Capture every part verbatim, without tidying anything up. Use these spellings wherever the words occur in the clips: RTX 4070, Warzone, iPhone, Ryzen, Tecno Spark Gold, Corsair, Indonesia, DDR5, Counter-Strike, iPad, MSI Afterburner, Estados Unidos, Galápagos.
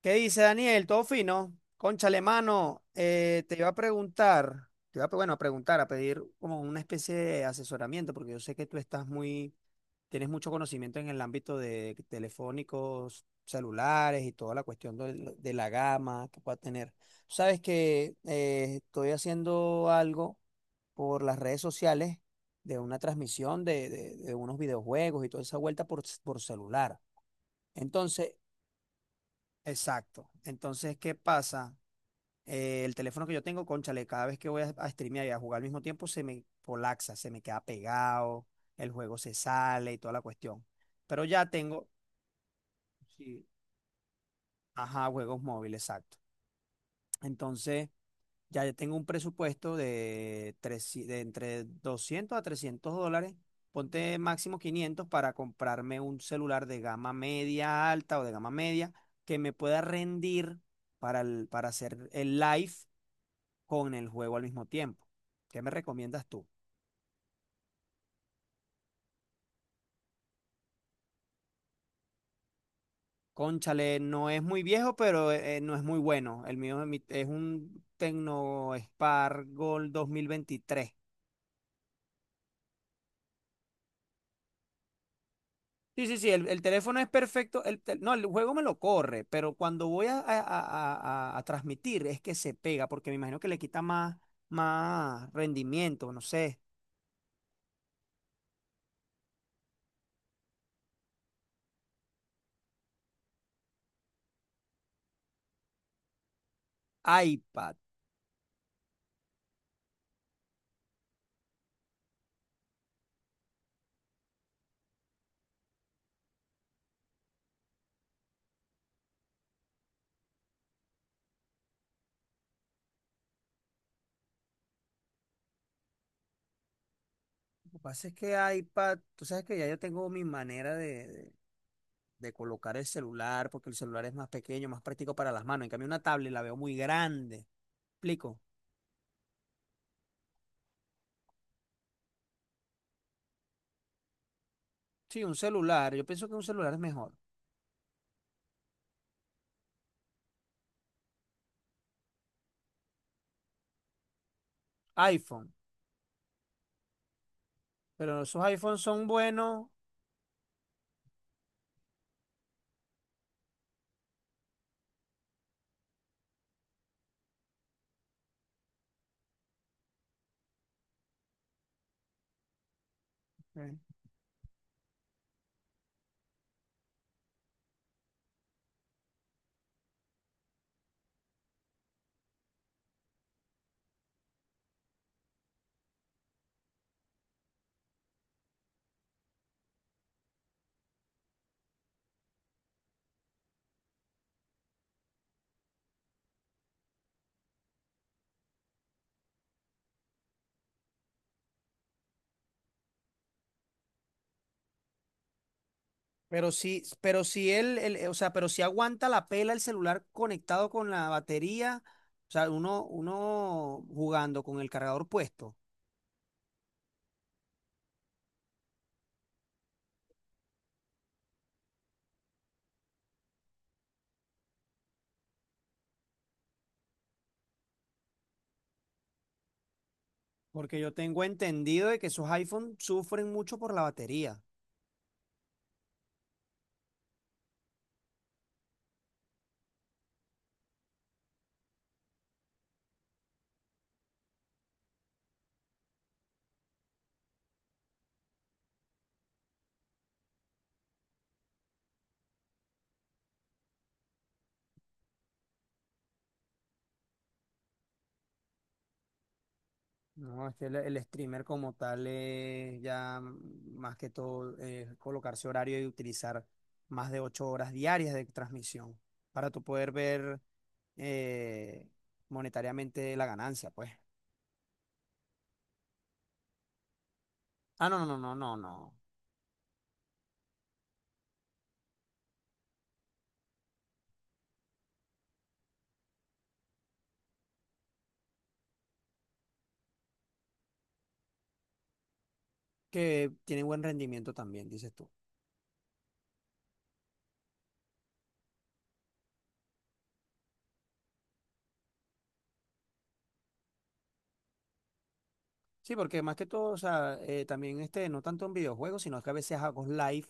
¿Qué dice Daniel? ¿Todo fino? Cónchale, mano, eh, te iba a preguntar, te iba a, pre- bueno, a preguntar, a pedir como una especie de asesoramiento, porque yo sé que tú estás muy, tienes mucho conocimiento en el ámbito de telefónicos, celulares y toda la cuestión del- de, la gama que pueda tener. Tú sabes que eh, estoy haciendo algo por las redes sociales de una transmisión de, de- de unos videojuegos y toda esa vuelta por, por celular. Entonces, exacto. Entonces, ¿qué pasa? Eh, el teléfono que yo tengo, cónchale, cada vez que voy a, a streamear y a jugar al mismo tiempo, se me colapsa, se me queda pegado, el juego se sale y toda la cuestión. Pero ya tengo. Sí, ajá, juegos móviles, exacto. Entonces, ya yo tengo un presupuesto de, tres, de entre doscientos a trescientos dólares, ponte máximo quinientos para comprarme un celular de gama media alta o de gama media que me pueda rendir para, el- para hacer el live con el juego al mismo tiempo. ¿Qué me recomiendas tú? Cónchale, no es muy viejo, pero eh, no es muy bueno. El mío es mi- es un Tecno Spark Gold dos mil veintitrés. Sí, sí, sí, el, el teléfono es perfecto. El tel- no, el juego me lo corre, pero cuando voy a, a- a- a- a transmitir es que se pega, porque me imagino que le quita más, más rendimiento, no sé. iPad. Lo que pasa es que iPad, tú sabes que ya yo tengo mi manera de, de- de colocar el celular, porque el celular es más pequeño, más práctico para las manos. En cambio, una tablet la veo muy grande. ¿Explico? Sí, un celular. Yo pienso que un celular es mejor. iPhone. Pero esos iPhones son buenos. eh, Pero sí, pero si él, el- eh, o sea, pero si aguanta la pela el celular conectado con la batería, o sea, uno, uno jugando con el cargador puesto. Porque yo tengo entendido de que esos iPhones sufren mucho por la batería. No, es que el, el streamer como tal es ya mm, más que todo eh, colocarse horario y utilizar más de ocho horas diarias de transmisión para tú poder ver eh, monetariamente la ganancia, pues. Ah, no, no, no, no, no. No. Que tiene buen rendimiento también, dices tú. Sí, porque más que todo, o sea, eh, también este, no tanto en videojuegos, sino que a veces hago live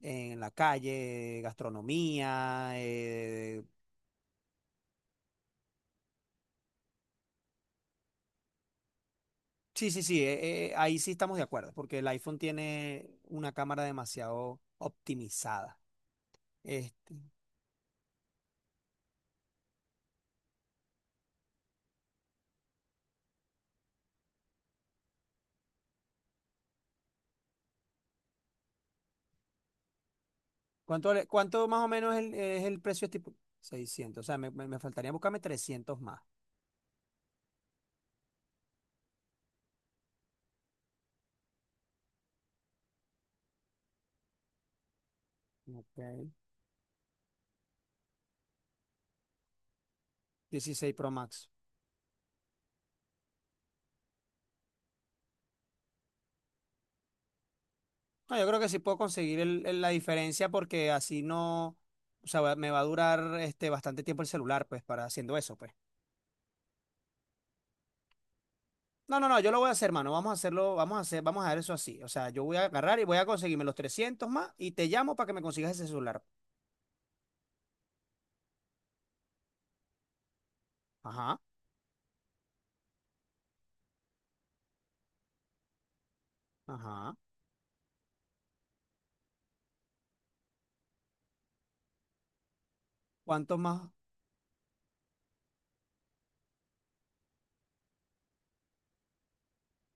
en la calle, gastronomía, eh, Sí, sí, sí, eh, eh, ahí sí estamos de acuerdo, porque el iPhone tiene una cámara demasiado optimizada. Este, ¿cuánto, le- cuánto más o menos el- es el precio tipo? Seiscientos, o sea, me, me- me faltaría buscarme trescientos más. Ok. Dieciséis Pro Max. No, yo creo que sí puedo conseguir el- el- la diferencia porque así no, o sea, va- me va a durar este, bastante tiempo el celular, pues, para haciendo eso, pues. No, no, no, yo lo voy a hacer, mano. Vamos a hacerlo, vamos a hacer, vamos a dar eso así. O sea, yo voy a agarrar y voy a conseguirme los trescientos más y te llamo para que me consigas ese celular. Ajá, ajá. ¿Cuánto más?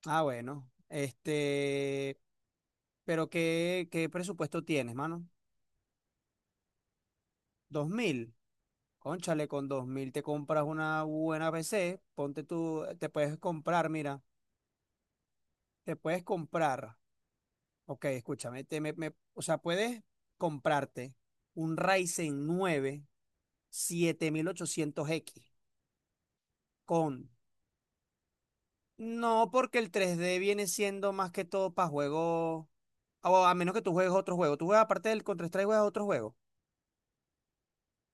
Ah, bueno. Este, pero ¿qué, qué presupuesto tienes, mano? Dos mil. Cónchale, con dos mil te compras una buena P C. Ponte tú, te puedes comprar, mira, te puedes comprar. Ok, escúchame, te, me, me- o sea, puedes comprarte un Ryzen nueve siete mil ochocientos x con no, porque el tres d viene siendo más que todo para juegos. O a menos que tú juegues otro juego. Tú juegas aparte del Counter-Strike, juegas otro juego.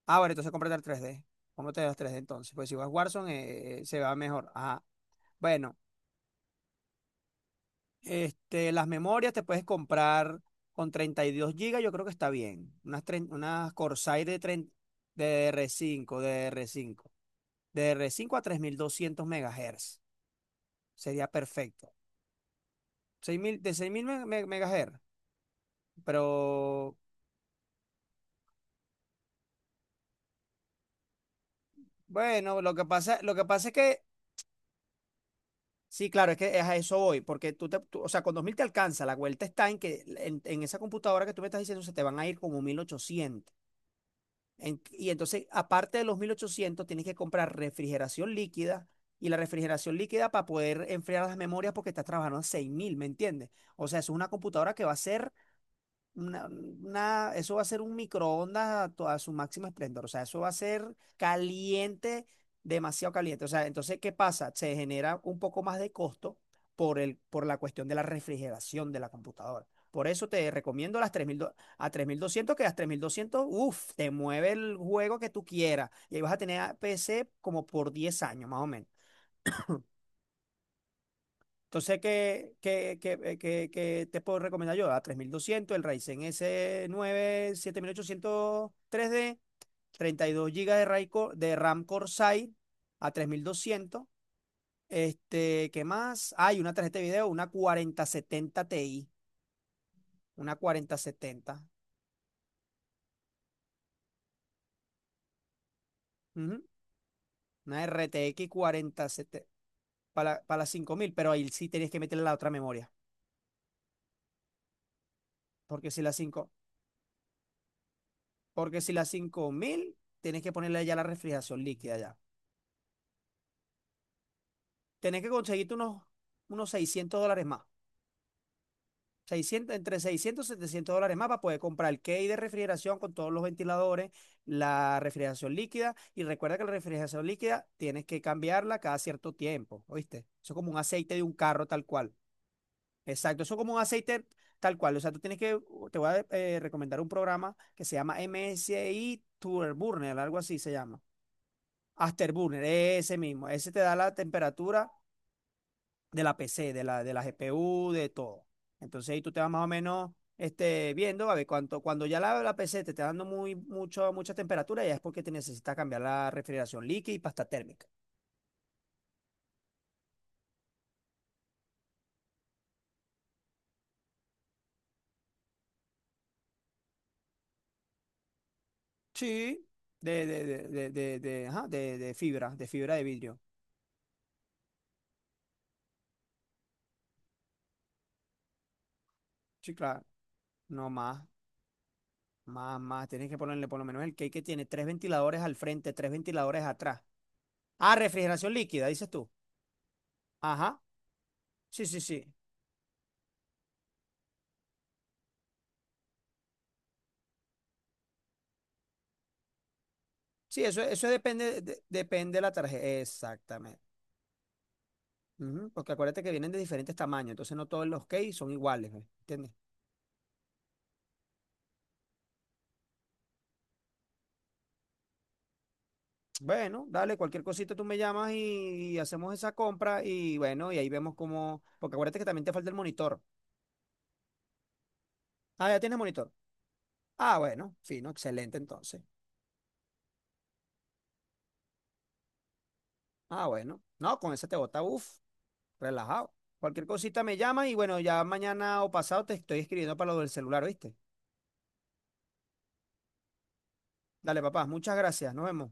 Ah, bueno, entonces cómprate el tres d. Cómprate el tres d entonces. Pues si vas Warzone, eh, eh, se va mejor. Ajá. Bueno, este, las memorias te puedes comprar con treinta y dos gigas, yo creo que está bien. Unas, tren- unas Corsair de, tren- de D D R cinco, DDR5. DDR5 a tres mil doscientos megahertz sería perfecto. Seis mil, de seis mil megahertz. Pero bueno, lo que pasa, lo que pasa es que sí, claro, es que es a eso voy, porque tú te, tú- o sea, con dos mil te alcanza, la vuelta está en que en, en esa computadora que tú me estás diciendo se te van a ir como mil ochocientos. En- y entonces, aparte de los mil ochocientos tienes que comprar refrigeración líquida, y la refrigeración líquida para poder enfriar las memorias porque estás trabajando a seis mil, ¿me entiendes? O sea, es una computadora que va a ser una, una- eso va a ser un microondas a, to- a su máximo esplendor. O sea, eso va a ser caliente, demasiado caliente. O sea, entonces, ¿qué pasa? Se genera un poco más de costo por el, por la cuestión de la refrigeración de la computadora. Por eso te recomiendo las tres mil do- a tres mil doscientos, que las tres mil doscientos, uff, te mueve el juego que tú quieras. Y ahí vas a tener a P C como por diez años, más o menos. Entonces, ¿qué, qué- qué- eh, qué- qué te puedo recomendar yo? A tres mil doscientos, el Ryzen s nueve siete mil ochocientos tres d, treinta y dos gigas de, RAI co- de RAM Corsair a tres mil doscientos. Este, ¿qué más? Hay una tarjeta de video, una cuarenta setenta Ti, una cuarenta setenta, ujú, una R T X cuarenta setenta para, para las cinco mil, pero ahí sí tienes que meterle la otra memoria, porque si la cinco porque si la cinco mil tienes que ponerle ya la refrigeración líquida, ya. Tenés que conseguirte unos, unos seiscientos dólares más. Seiscientos Entre seiscientos y 700 dólares más para poder comprar el key de refrigeración con todos los ventiladores, la refrigeración líquida. Y recuerda que la refrigeración líquida tienes que cambiarla cada cierto tiempo, ¿oíste? Eso es como un aceite de un carro, tal cual. Exacto, eso es como un aceite tal cual. O sea, tú tienes que, te voy a eh, recomendar un programa que se llama M S I Turburner, algo así se llama. Afterburner, ese mismo. Ese te da la temperatura de la P C, de la, de la G P U, de todo. Entonces ahí tú te vas más o menos este, viendo, a ver, cuánto, cuando ya la, la P C te está dando muy, mucho, mucha temperatura, ya es porque te necesitas cambiar la refrigeración líquida y pasta térmica. Sí, de, de, de, de, de, de, ajá, de- de fibra, de fibra de vidrio. Sí, claro, no más, más, más. Tienes que ponerle por lo menos el cake que tiene tres ventiladores al frente, tres ventiladores atrás. Ah, refrigeración líquida, dices tú. Ajá, sí, sí, sí. Sí, eso, eso depende, de- depende de la tarjeta. Exactamente. Ujú. Porque acuérdate que vienen de diferentes tamaños, entonces no todos los cakes son iguales, ¿eh? ¿Entiendes? Bueno, dale, cualquier cosita tú me llamas y, y hacemos esa compra y bueno, y ahí vemos cómo, porque acuérdate que también te falta el monitor. Ah, ya tienes monitor. Ah, bueno, fino, excelente entonces. Ah, bueno, no, con esa te bota, uff, relajado. Cualquier cosita me llamas y bueno, ya mañana o pasado te estoy escribiendo para lo del celular, ¿viste? Dale, papá, muchas gracias, nos vemos.